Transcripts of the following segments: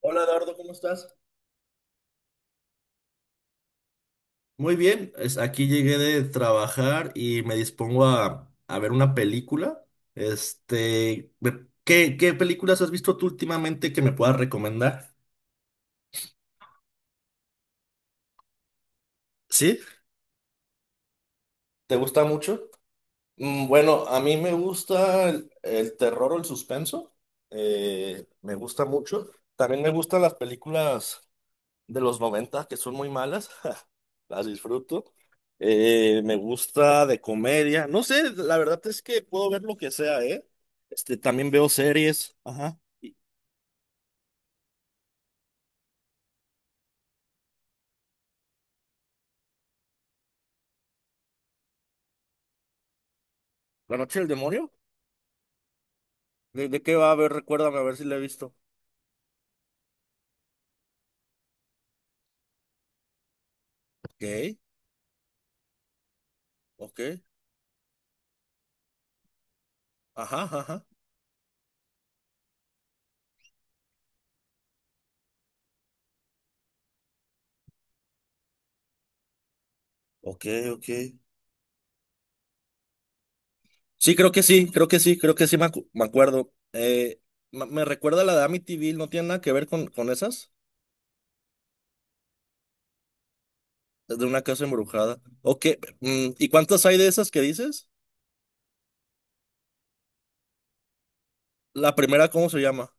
Hola Eduardo, ¿cómo estás? Muy bien, aquí llegué de trabajar y me dispongo a ver una película. Este, ¿qué películas has visto tú últimamente que me puedas recomendar? ¿Sí? ¿Te gusta mucho? Bueno, a mí me gusta el terror o el suspenso. Me gusta mucho. También me gustan las películas de los 90 que son muy malas, las disfruto. Me gusta de comedia. No sé, la verdad es que puedo ver lo que sea, ¿eh? Este, también veo series. Ajá. ¿La noche del demonio? ¿De qué va a ver? Recuérdame a ver si la he visto. Ok, ok. Ajá, ajá. Ok, ok. Sí, creo que sí, creo que sí, creo que sí me, me acuerdo. Me recuerda a la de Amityville, ¿no tiene nada que ver con esas? Es de una casa embrujada. Ok, ¿y cuántas hay de esas que dices? La primera, ¿cómo se llama?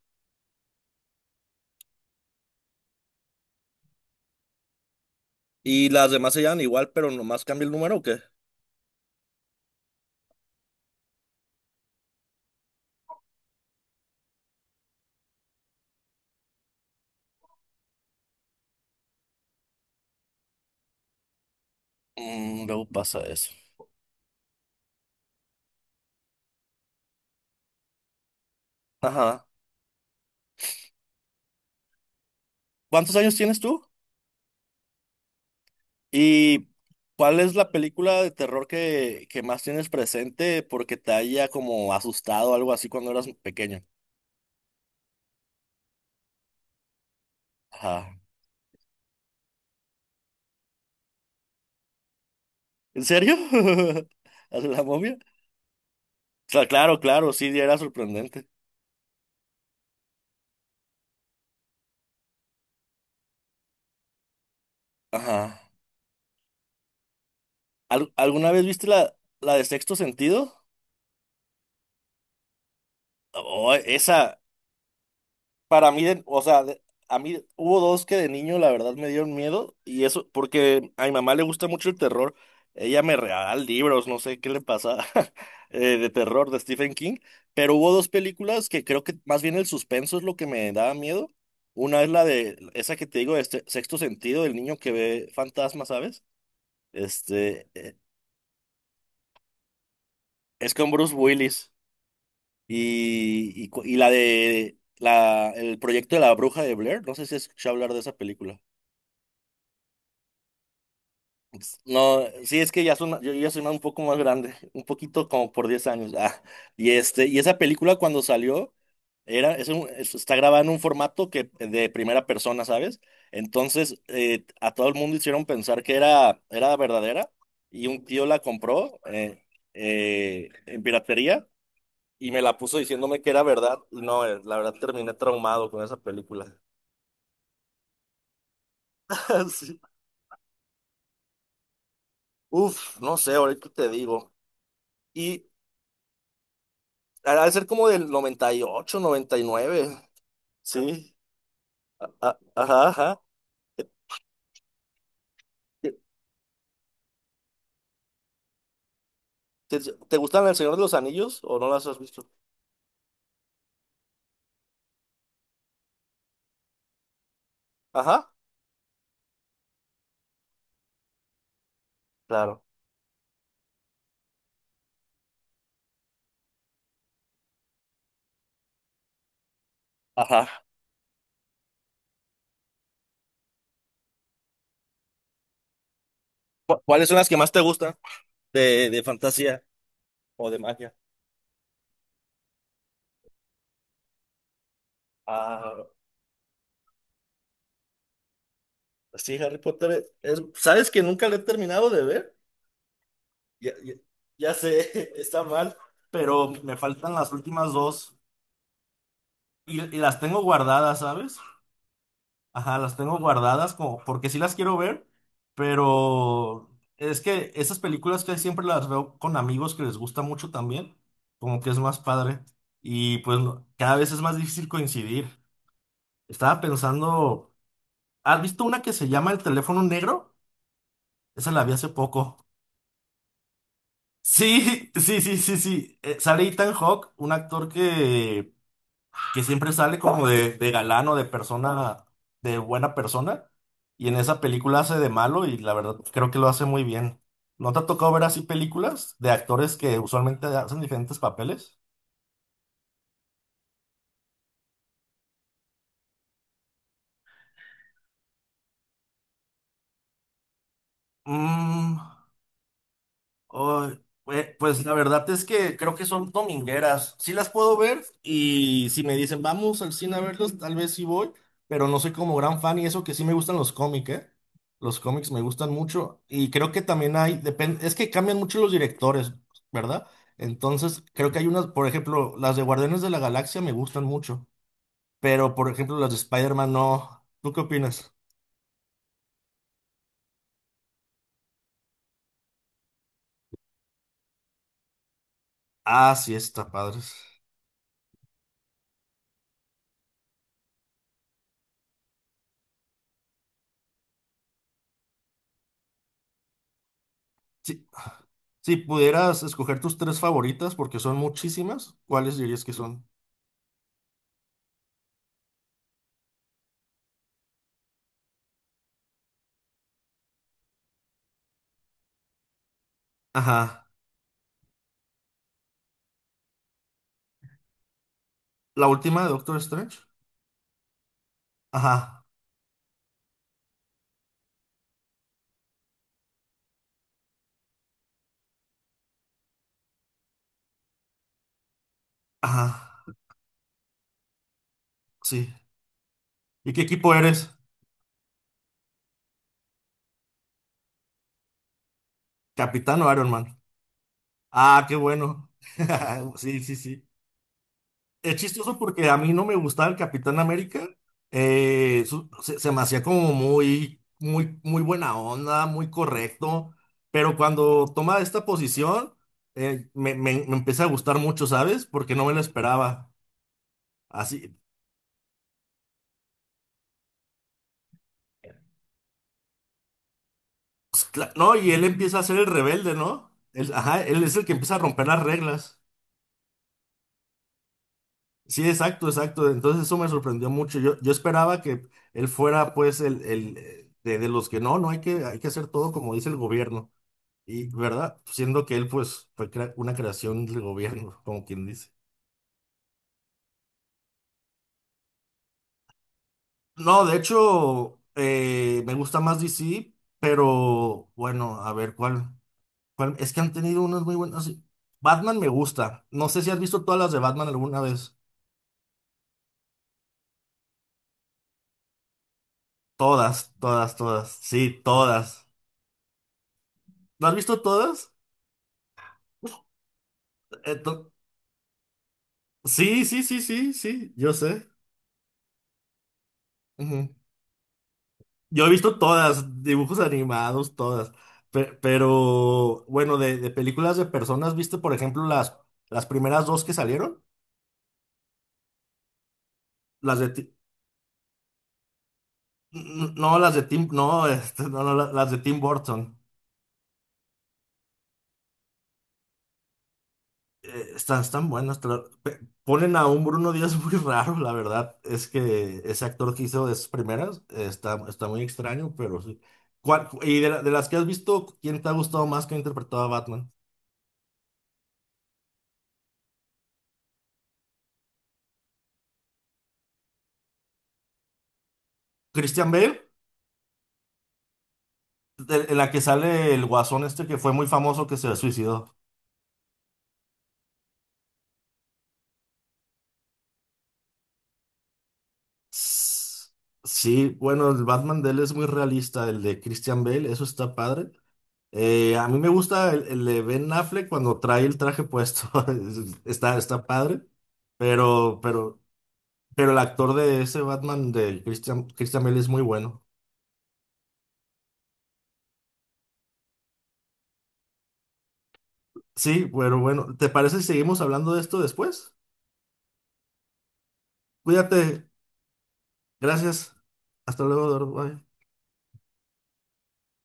Y las demás se llaman igual, pero nomás cambia el número, ¿o qué? Luego pasa eso. Ajá. ¿Cuántos años tienes tú? ¿Y cuál es la película de terror que más tienes presente porque te haya como asustado o algo así cuando eras pequeño? Ajá. ¿En serio? ¿Hace la momia? Claro, claro, sí, era sorprendente. Ajá. ¿Alguna vez viste la de Sexto Sentido? Oh, esa. Para mí, o sea, a mí hubo dos que de niño la verdad me dieron miedo y eso porque a mi mamá le gusta mucho el terror. Ella me regala libros, no sé qué le pasa de terror de Stephen King, pero hubo dos películas que creo que más bien el suspenso es lo que me daba miedo. Una es la de esa que te digo, este Sexto Sentido, del niño que ve fantasmas, ¿sabes? Este, es con Bruce Willis y, el proyecto de la bruja de Blair, no sé si has escuchado hablar de esa película. Pues, no, sí, es que ya soy, yo ya soy más- un poco más grande, un poquito como por 10 años. Ah, y este, y esa película cuando salió, era, es un- es- está grabada en un formato que, de primera persona, ¿sabes? Entonces, a todo el mundo hicieron pensar que era verdadera, y un tío la compró en piratería y me la puso diciéndome que era verdad. Y no, la verdad terminé traumado con esa película. Sí. Uf, no sé, ahorita te digo. Ha de ser como del noventa y 99. Sí. Ajá, ajá. ¿Te gustan El Señor de los Anillos o no las has visto? Ajá, claro. Ajá. ¿Cuáles son las que más te gustan de fantasía o de magia? Ah, sí, Harry Potter. ¿Sabes que nunca lo he terminado de ver? Ya, ya- ya sé, está mal, pero me faltan las últimas dos y las tengo guardadas, ¿sabes? Ajá, las tengo guardadas como porque sí las quiero ver, pero es que esas películas que siempre las veo con amigos que les gusta mucho también, como que es más padre y pues cada vez es más difícil coincidir. Estaba pensando, ¿has visto una que se llama El teléfono negro? Esa la vi hace poco. Sí, sí, sí, sí, sí. Sale Ethan Hawke, un actor que siempre sale como de galán o de persona, de buena persona, y en esa película hace de malo y la verdad pues, creo que lo hace muy bien. ¿No te ha tocado ver así películas de actores que usualmente hacen diferentes papeles? Mm, Ay, pues la verdad es que creo que son domingueras. Sí las puedo ver y si me dicen vamos al cine a verlos, tal vez sí voy, pero no soy como gran fan y eso que sí me gustan los cómics, ¿eh? Los cómics me gustan mucho y creo que también hay, depende, es que cambian mucho los directores, ¿verdad? Entonces creo que hay unas, por ejemplo, las de Guardianes de la Galaxia me gustan mucho, pero por ejemplo las de Spider-Man no. ¿Tú qué opinas? Ah, sí, está padres. Si, si pudieras escoger tus tres favoritas, porque son muchísimas, ¿cuáles dirías que son? Ajá. La última de Doctor Strange. Ajá. Ajá. Sí. ¿Y qué equipo eres? ¿Capitán o Iron Man? Ah, qué bueno. Sí, sí, sí. Es chistoso porque a mí no me gustaba el Capitán América. Se me hacía como muy, muy, muy buena onda, muy correcto. Pero cuando toma esta posición, me empieza a gustar mucho, ¿sabes? Porque no me lo esperaba. Así, pues, no, y él empieza a ser el rebelde, ¿no? Él, ajá, él es el que empieza a romper las reglas. Sí, exacto, exacto. Entonces eso me sorprendió mucho. Yo esperaba que él fuera, pues, de los que no hay que hacer todo como dice el gobierno. Y, ¿verdad? Siendo que él, pues, fue una creación del gobierno, como quien dice. No, de hecho, me gusta más DC, pero bueno, a ver cuál, cuál. Es que han tenido unas muy buenas. Sí. Batman me gusta. No sé si has visto todas las de Batman alguna vez. Todas, todas, todas. Sí, todas. ¿No has visto todas? Eh, Sí, sí, sí, sí, sí, yo sé. Ujú. Yo he visto todas, dibujos animados, todas. Pero, bueno, de películas de personas, ¿viste, por ejemplo, las primeras dos que salieron? Las de no, las de Tim, no, este, no, no, las de Tim Burton. Están buenas. Pero ponen a un Bruno Díaz muy raro, la verdad. Es que ese actor que hizo de esas primeras está muy extraño, pero sí. De las que has visto, ¿quién te ha gustado más que ha interpretado a Batman? ¿Christian Bale? En la que sale el guasón este que fue muy famoso que se suicidó. Sss, Sí, bueno, el Batman de él es muy realista, el de Christian Bale, eso está padre. A mí me gusta el de Ben Affleck cuando trae el traje puesto, está padre, pero, pero, pero el actor de ese Batman de Christian Bale es muy bueno. Sí, pero bueno, ¿te parece si seguimos hablando de esto después? Cuídate, gracias, hasta luego, Doro, bye.